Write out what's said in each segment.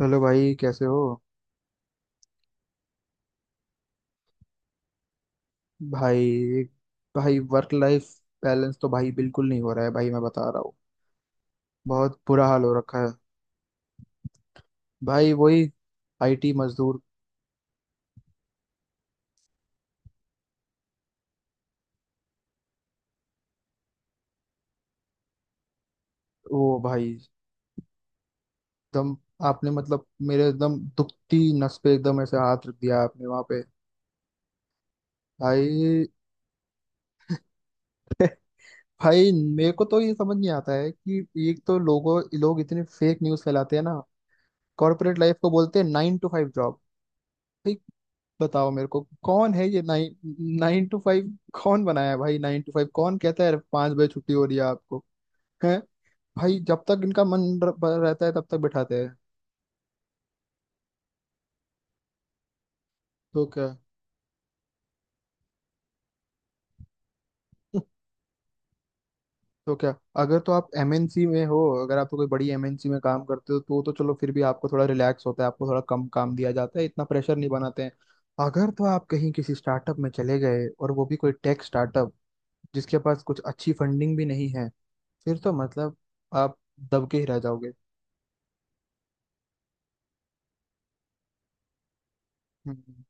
Hello भाई, कैसे हो? भाई, भाई, वर्क लाइफ बैलेंस तो भाई बिल्कुल नहीं हो रहा है। भाई, मैं बता रहा हूँ, बहुत बुरा हाल हो रखा है। भाई, वही आईटी मजदूर। वो भाई, एकदम। आपने मतलब मेरे एकदम दुखती नस पे एकदम ऐसे हाथ रख दिया आपने वहां पे। भाई। भाई, मेरे को तो ये समझ नहीं आता है कि एक तो लोग इतने फेक न्यूज फैलाते हैं ना। कॉर्पोरेट लाइफ को बोलते हैं नाइन टू फाइव जॉब। भाई, बताओ मेरे को, कौन है ये नाइन नाइन टू फाइव? कौन बनाया है भाई नाइन टू फाइव? कौन कहता है 5 बजे छुट्टी हो रही है आपको? है। भाई जब तक इनका मन रहता है तब तक बिठाते हैं। तो क्या? तो क्या, अगर तो आप एमएनसी में हो। अगर आप तो कोई बड़ी एमएनसी में काम करते हो तो चलो फिर भी आपको थोड़ा रिलैक्स होता है, आपको थोड़ा कम काम दिया जाता है, इतना प्रेशर नहीं बनाते हैं। अगर तो आप कहीं किसी स्टार्टअप में चले गए, और वो भी कोई टेक स्टार्टअप, जिसके पास कुछ अच्छी फंडिंग भी नहीं है, फिर तो मतलब आप दबके ही रह जाओगे। हम्म।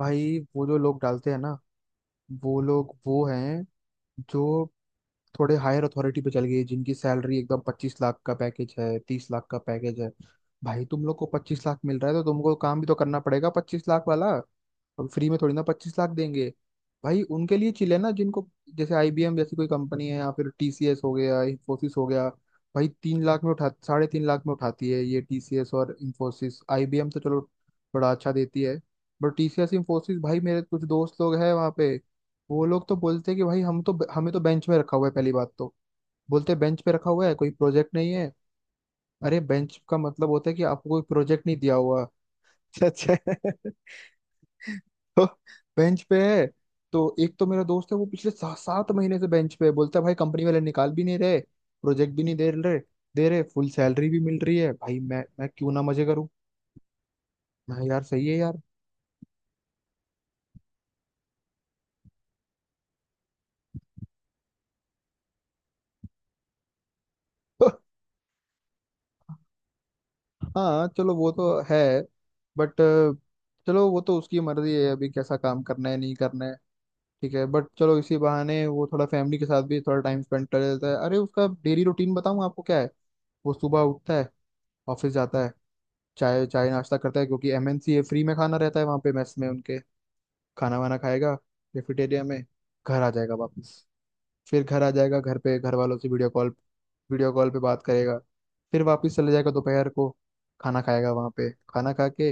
भाई, वो जो लोग डालते हैं ना, वो लोग वो हैं जो थोड़े हायर अथॉरिटी पे चल गए, जिनकी सैलरी एकदम 25 लाख का पैकेज है, 30 लाख का पैकेज है। भाई तुम लोग को 25 लाख मिल रहा है तो तुमको काम भी तो करना पड़ेगा 25 लाख वाला। हम फ्री में थोड़ी ना 25 लाख देंगे। भाई उनके लिए चिल है ना जिनको, जैसे आईबीएम जैसी कोई कंपनी है, या फिर टीसीएस हो गया, इंफोसिस हो गया। भाई, तीन लाख में उठा 3.5 लाख में उठाती है ये टीसीएस और इंफोसिस। आईबीएम तो चलो बड़ा अच्छा देती है, बट टीसीएस इंफोसिस, भाई मेरे कुछ दोस्त लोग हैं वहाँ पे। वो लोग तो बोलते हैं कि भाई, हम तो हमें तो बेंच में रखा हुआ है, पहली बात तो। बोलते हैं बेंच पे रखा हुआ है, कोई प्रोजेक्ट नहीं है। अरे, बेंच का मतलब होता है कि आपको कोई प्रोजेक्ट नहीं दिया हुआ। अच्छा, अच्छा। तो बेंच पे है, तो एक तो मेरा दोस्त है, वो पिछले सात महीने से बेंच पे है, बोलता है भाई कंपनी वाले निकाल भी नहीं रहे, प्रोजेक्ट भी नहीं दे रहे, दे रहे, फुल सैलरी भी मिल रही है, भाई मैं क्यों ना मजे करूं। मैं, यार सही है यार। हाँ, चलो वो तो है, बट चलो वो तो उसकी मर्जी है, अभी कैसा काम करना है नहीं करना है। ठीक है, बट चलो इसी बहाने वो थोड़ा फैमिली के साथ भी थोड़ा टाइम स्पेंड कर लेता है। अरे, उसका डेली रूटीन बताऊं आपको क्या है। वो सुबह उठता है, ऑफिस जाता है, चाय चाय नाश्ता करता है, क्योंकि एमएनसी फ्री में खाना रहता है वहाँ पे मेस में उनके, खाना वाना खाएगा कैफेटेरिया में, घर आ जाएगा वापस। फिर घर आ जाएगा, घर पे घर वालों से वीडियो कॉल, वीडियो कॉल पे बात करेगा, फिर वापस चले जाएगा दोपहर को, खाना खाएगा वहाँ पे, खाना खा के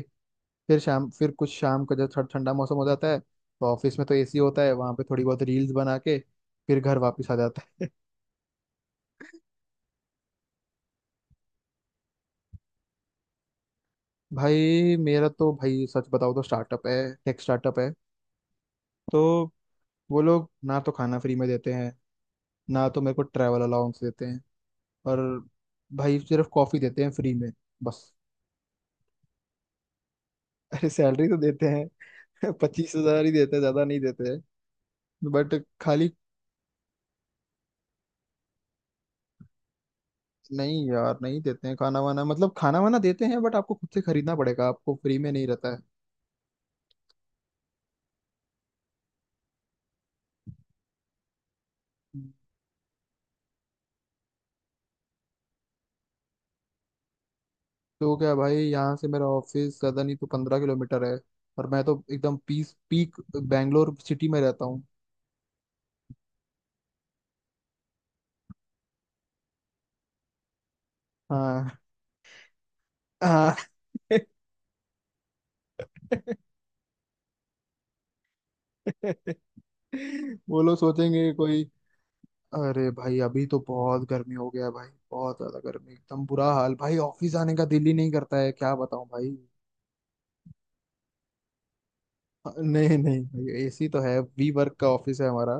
फिर शाम, फिर कुछ शाम का जब थोड़ा ठंडा मौसम हो जाता है, तो ऑफिस में तो एसी होता है वहाँ पे, थोड़ी बहुत रील्स बना के, फिर घर वापस आ जाता है। भाई मेरा तो, भाई सच बताओ तो स्टार्टअप है, टेक स्टार्टअप है, तो वो लोग ना तो खाना फ्री में देते हैं, ना तो मेरे को ट्रैवल अलाउंस देते हैं, और भाई सिर्फ कॉफी देते हैं फ्री में, बस। अरे सैलरी तो देते हैं। 25 हजार ही देते हैं, ज्यादा नहीं देते हैं, बट, खाली। नहीं यार, नहीं देते हैं खाना वाना, मतलब खाना वाना देते हैं बट आपको खुद से खरीदना पड़ेगा, आपको फ्री में नहीं रहता है। तो क्या भाई, यहाँ से मेरा ऑफिस ज्यादा नहीं तो 15 किलोमीटर है, और मैं तो एकदम पीस पीक बैंगलोर सिटी में रहता हूँ। हाँ, हाँ। वो लोग सोचेंगे कोई। अरे भाई, अभी तो बहुत गर्मी हो गया है भाई, बहुत ज्यादा गर्मी, एकदम बुरा हाल, भाई ऑफिस आने का दिल ही नहीं करता है, क्या बताऊं भाई। नहीं, नहीं भाई, एसी तो है, वी वर्क का ऑफिस है हमारा,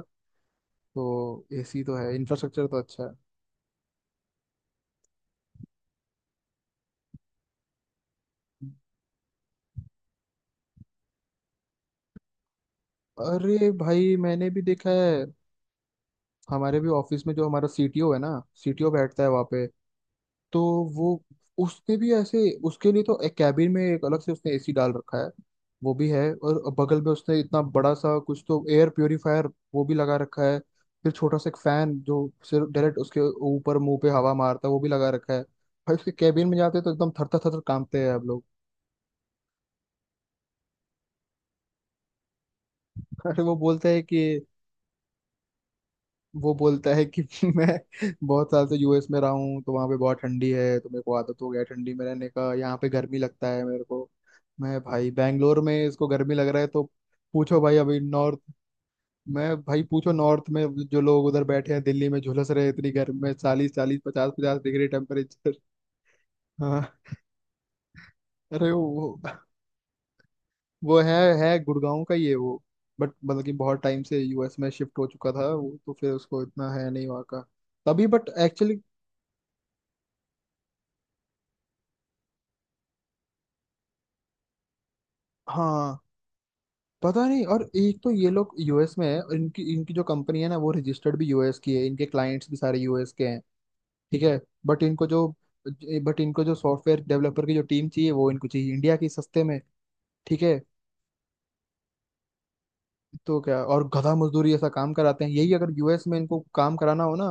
तो एसी तो है, इंफ्रास्ट्रक्चर तो अच्छा है। अरे भाई, मैंने भी देखा है, हमारे भी ऑफिस में जो हमारा सीटीओ है ना, सीटीओ बैठता है वहाँ पे, तो वो, उसने भी ऐसे, उसके लिए तो एक कैबिन में एक अलग से उसने एसी डाल रखा है, वो भी है, और बगल में उसने इतना बड़ा सा कुछ तो एयर प्योरीफायर वो भी लगा रखा है, फिर छोटा सा एक फैन जो सिर्फ डायरेक्ट उसके ऊपर मुंह पे हवा मारता है वो भी लगा रखा है। भाई उसके कैबिन में जाते हैं तो एकदम थरथर थरथर कांपते हैं हम लोग। अरे, वो बोलता है कि मैं बहुत साल से यूएस में रहा हूँ, तो वहाँ पे बहुत ठंडी है तो मेरे को आदत हो गया है ठंडी में रहने का, यहाँ पे गर्मी लगता है मेरे को। मैं भाई, बैंगलोर में इसको गर्मी लग रहा है, तो पूछो भाई अभी नॉर्थ मैं भाई पूछो नॉर्थ में, जो लोग उधर बैठे हैं दिल्ली में झुलस रहे हैं इतनी गर्मी में, चालीस चालीस पचास पचास डिग्री टेम्परेचर। हाँ। अरे वो है, गुड़गांव का ही है वो, बट मतलब कि बहुत टाइम से यूएस में शिफ्ट हो चुका था वो, तो फिर उसको इतना है नहीं वहाँ का, तभी। बट एक्चुअली, हाँ, पता नहीं। और एक तो ये लोग यूएस में है, और इनकी इनकी जो कंपनी है ना, वो रजिस्टर्ड भी यूएस की है, इनके क्लाइंट्स भी सारे यूएस के हैं। ठीक है, बट इनको जो बट इनको जो सॉफ्टवेयर डेवलपर की जो टीम चाहिए वो इनको चाहिए इंडिया की सस्ते में। ठीक है, तो क्या और गधा मजदूरी ऐसा काम कराते हैं यही। अगर यूएस में इनको काम कराना हो ना,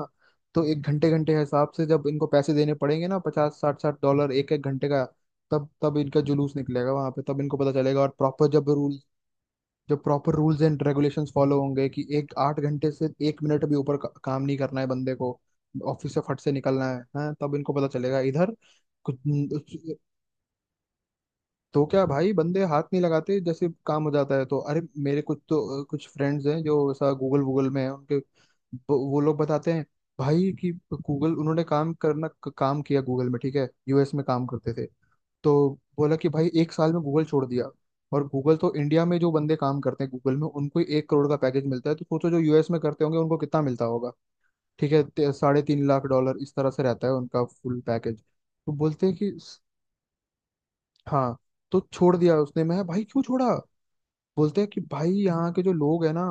तो एक घंटे घंटे के हिसाब से जब इनको पैसे देने पड़ेंगे ना, पचास साठ साठ डॉलर एक एक घंटे का, तब तब इनका जुलूस निकलेगा वहां पे, तब इनको पता चलेगा, और प्रॉपर जब रूल जो proper rules and regulations follow होंगे कि एक 8 घंटे से 1 मिनट भी ऊपर का काम नहीं करना है बंदे को, ऑफिस से फट से निकलना है। हाँ, तब इनको पता चलेगा इधर कुछ। तो क्या भाई, बंदे हाथ नहीं लगाते, जैसे काम हो जाता है तो। अरे मेरे कुछ फ्रेंड्स हैं जो ऐसा गूगल वूगल में है उनके, वो लोग बताते हैं भाई कि गूगल उन्होंने काम किया गूगल में, ठीक है, यूएस में काम करते थे तो, बोला कि भाई एक साल में गूगल छोड़ दिया। और गूगल तो, इंडिया में जो बंदे काम करते हैं गूगल में, उनको ही 1 करोड़ का पैकेज मिलता है, तो सोचो जो यूएस में करते होंगे उनको कितना मिलता होगा। ठीक है, 3.5 लाख डॉलर इस तरह से रहता है उनका फुल पैकेज। तो बोलते हैं कि हाँ, तो छोड़ दिया उसने। मैं भाई क्यों छोड़ा? बोलते हैं कि भाई यहाँ के जो लोग है ना,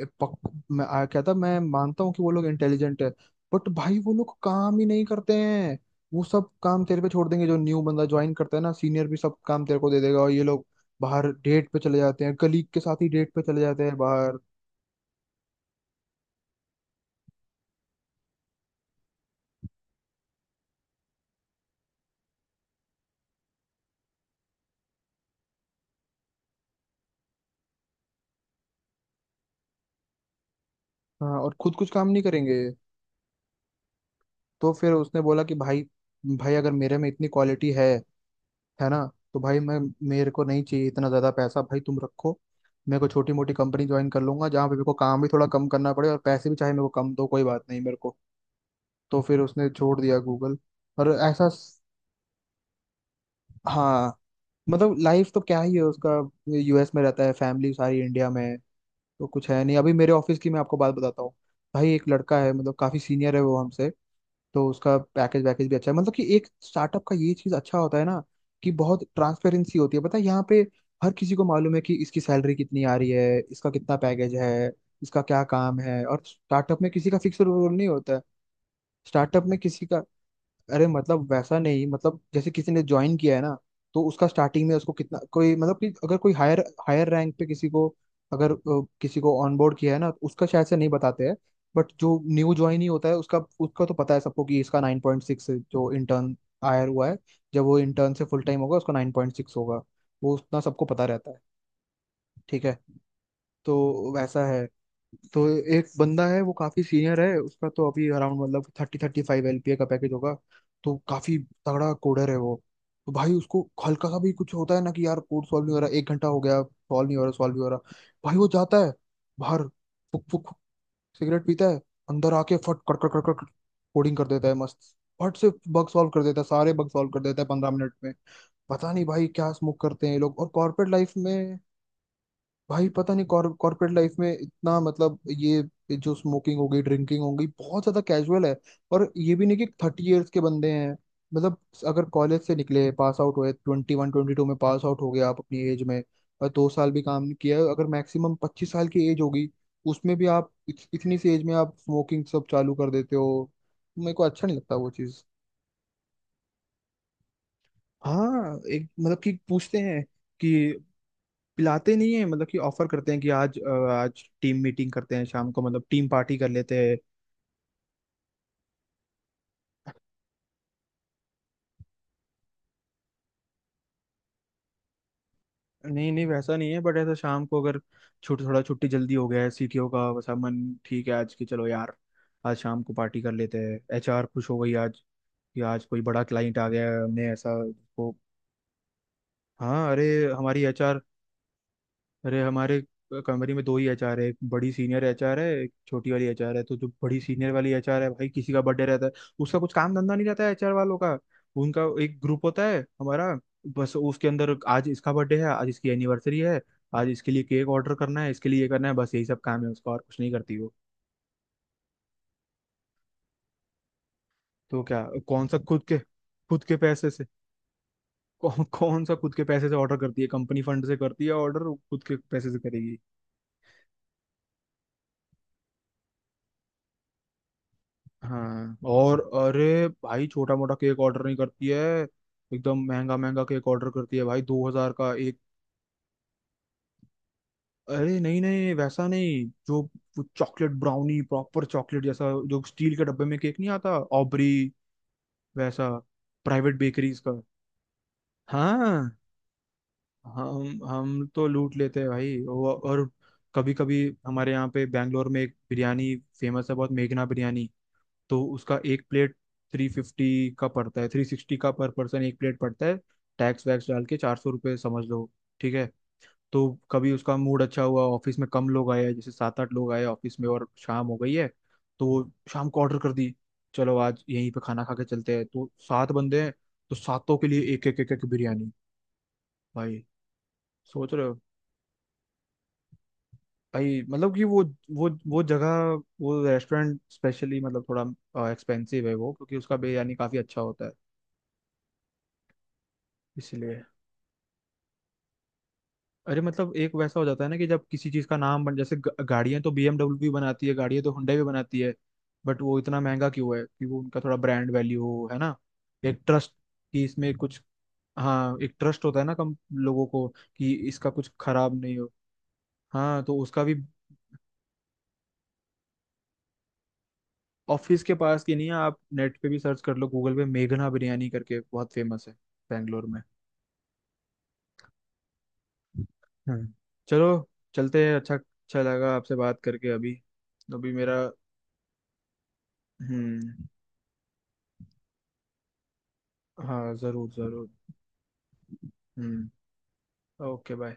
कहता मैं मानता हूँ कि वो लोग इंटेलिजेंट है, बट भाई वो लोग काम ही नहीं करते हैं, वो सब काम तेरे पे छोड़ देंगे, जो न्यू बंदा ज्वाइन करता है ना, सीनियर भी सब काम तेरे को दे देगा, और ये लोग बाहर डेट पे चले जाते हैं, कलीग के साथ ही डेट पे चले जाते हैं बाहर। हाँ, और खुद कुछ काम नहीं करेंगे। तो फिर उसने बोला कि भाई, भाई अगर मेरे में इतनी क्वालिटी है ना, तो भाई मैं मेरे को नहीं चाहिए इतना ज्यादा पैसा, भाई तुम रखो, मेरे को छोटी मोटी कंपनी ज्वाइन कर लूंगा, जहाँ पे मेरे को काम भी थोड़ा कम करना पड़े, और पैसे भी चाहे मेरे को कम दो, कोई बात नहीं मेरे को। तो फिर उसने छोड़ दिया गूगल। और ऐसा हाँ, मतलब लाइफ तो क्या ही है उसका, यूएस में रहता है, फैमिली सारी इंडिया में है, तो कुछ है नहीं। अभी मेरे ऑफिस की मैं आपको बात बताता हूँ। भाई एक लड़का है, मतलब काफी सीनियर है वो हमसे, तो उसका पैकेज वैकेज भी अच्छा है। मतलब कि एक स्टार्टअप का ये चीज अच्छा होता है ना, कि बहुत ट्रांसपेरेंसी होती है, पता है यहाँ पे। हर किसी को मालूम है कि इसकी सैलरी कितनी आ रही है, इसका कितना पैकेज है, इसका क्या काम है। और स्टार्टअप में किसी का फिक्स रोल नहीं होता है। स्टार्टअप में किसी का अरे, मतलब वैसा नहीं, मतलब जैसे किसी ने ज्वाइन किया है ना, तो उसका स्टार्टिंग में उसको कितना कोई, मतलब कि अगर कोई हायर हायर रैंक पे किसी को, अगर किसी को ऑनबोर्ड किया है ना, उसका शायद से नहीं बताते हैं, बट जो न्यू ज्वाइन ही होता है, उसका उसका तो पता है सबको कि इसका 9.6 जो इंटर्न हायर हुआ है, जब वो इंटर्न से फुल टाइम होगा उसका 9.6 होगा। वो उतना सबको पता रहता है। ठीक है। तो वैसा है। तो एक बंदा है, वो काफी सीनियर है। उसका तो अभी अराउंड मतलब 30-35 LPA का पैकेज होगा। तो काफी तगड़ा कोडर है वो। तो भाई उसको हल्का सा भी कुछ होता है ना कि यार कोड सॉल्व नहीं हो रहा, एक घंटा हो गया, सॉल्व नहीं हो रहा, सॉल्व नहीं हो रहा। भाई वो जाता है बाहर। फुक फुक फुक। सिगरेट पीता है। अंदर आके फट कट कट कट कट कोडिंग कर देता है मस्त। फट से बग सॉल्व कर देता है, सारे बग सॉल्व कर देता है 15 मिनट में। पता नहीं भाई क्या स्मोक करते हैं ये लोग और कॉर्पोरेट लाइफ में। भाई पता नहीं कॉर्पोरेट लाइफ में इतना मतलब ये जो स्मोकिंग हो गई, ड्रिंकिंग हो गई, बहुत ज्यादा कैजुअल है। और ये भी नहीं कि 30 इयर्स के बंदे हैं। मतलब अगर कॉलेज से निकले, पास आउट हुए, 21-22 में पास आउट हो गए आप अपनी एज में। और 2 साल भी काम नहीं किया, अगर मैक्सिमम 25 साल की एज होगी। उसमें भी आप इतनी सी एज में आप स्मोकिंग सब चालू कर देते हो। मेरे को अच्छा नहीं लगता वो चीज़। हाँ, एक मतलब कि पूछते हैं। कि पिलाते नहीं है, मतलब कि ऑफर करते हैं कि आज आज टीम मीटिंग करते हैं शाम को, मतलब टीम पार्टी कर लेते हैं। नहीं नहीं, वैसा नहीं है, बट ऐसा शाम को अगर छुट थोड़ा छुट्टी जल्दी हो गया है, सीटीओ का वैसा मन, ठीक है आज की, चलो यार। आज शाम को पार्टी कर लेते हैं। एचआर खुश हो गई आज, कि आज कोई बड़ा क्लाइंट आ गया है, हमने ऐसा को। हाँ, अरे हमारी एचआर। अरे हमारे कंपनी में दो ही एचआर है। एक बड़ी सीनियर एचआर है, एक छोटी वाली एचआर है। तो जो बड़ी सीनियर वाली एचआर है, भाई किसी का बर्थडे रहता है। उसका कुछ काम धंधा नहीं रहता है एचआर वालों का। उनका एक ग्रुप होता है हमारा। बस उसके अंदर आज इसका बर्थडे है, आज इसकी एनिवर्सरी है, आज इसके लिए केक ऑर्डर करना है, इसके लिए ये करना है। बस यही सब काम है उसका, और कुछ नहीं करती वो। तो क्या, कौन सा, खुद के पैसे से। कौन कौन सा खुद के पैसे से ऑर्डर करती है? कंपनी फंड से करती है ऑर्डर, खुद के पैसे से करेगी? हाँ, और अरे भाई छोटा मोटा केक ऑर्डर नहीं करती है। एकदम महंगा महंगा केक ऑर्डर करती है भाई, 2000 का एक। अरे नहीं नहीं, वैसा नहीं जो वो चॉकलेट ब्राउनी, प्रॉपर चॉकलेट जैसा, जो स्टील के डब्बे में केक नहीं आता, ऑबरी वैसा। प्राइवेट बेकरीज का। हाँ, हम तो लूट लेते हैं भाई और कभी कभी हमारे यहाँ पे बैंगलोर में एक बिरयानी फेमस है बहुत, मेघना बिरयानी। तो उसका एक प्लेट 350 का पड़ता है, 360 का पर पर्सन एक प्लेट पड़ता है। टैक्स वैक्स डाल के 400 रुपये समझ लो। ठीक है। तो कभी उसका मूड अच्छा हुआ, ऑफिस में कम लोग आए, जैसे सात आठ लोग आए ऑफिस में और शाम हो गई है। तो वो शाम को ऑर्डर कर दी। चलो आज यहीं पे खाना खा के चलते हैं, तो सात बंदे हैं, तो सातों के लिए एक एक एक एक बिरयानी भाई। सोच रहे हो? भाई मतलब कि वो जगह, वो रेस्टोरेंट स्पेशली मतलब थोड़ा एक्सपेंसिव है वो, क्योंकि उसका बिरयानी काफ़ी अच्छा होता है इसलिए। अरे मतलब एक वैसा हो जाता है ना कि जब किसी चीज का नाम बन, जैसे गाड़ियां तो बीएमडब्ल्यू भी बनाती है, गाड़ियां तो Hyundai भी बनाती है। बट वो इतना महंगा क्यों है? कि वो उनका थोड़ा ब्रांड वैल्यू हो, है ना, एक ट्रस्ट कि इसमें कुछ। हाँ, एक ट्रस्ट होता है ना कम लोगों को कि इसका कुछ खराब नहीं हो। हाँ तो उसका भी। ऑफिस के पास की नहीं है, आप नेट पे भी सर्च कर लो, गूगल पे मेघना बिरयानी करके बहुत फेमस है बेंगलोर में। हम्म चलो, चलते हैं, अच्छा अच्छा लगा आपसे बात करके। अभी अभी मेरा। हम्म। हाँ जरूर जरूर। हम्म। Okay bye.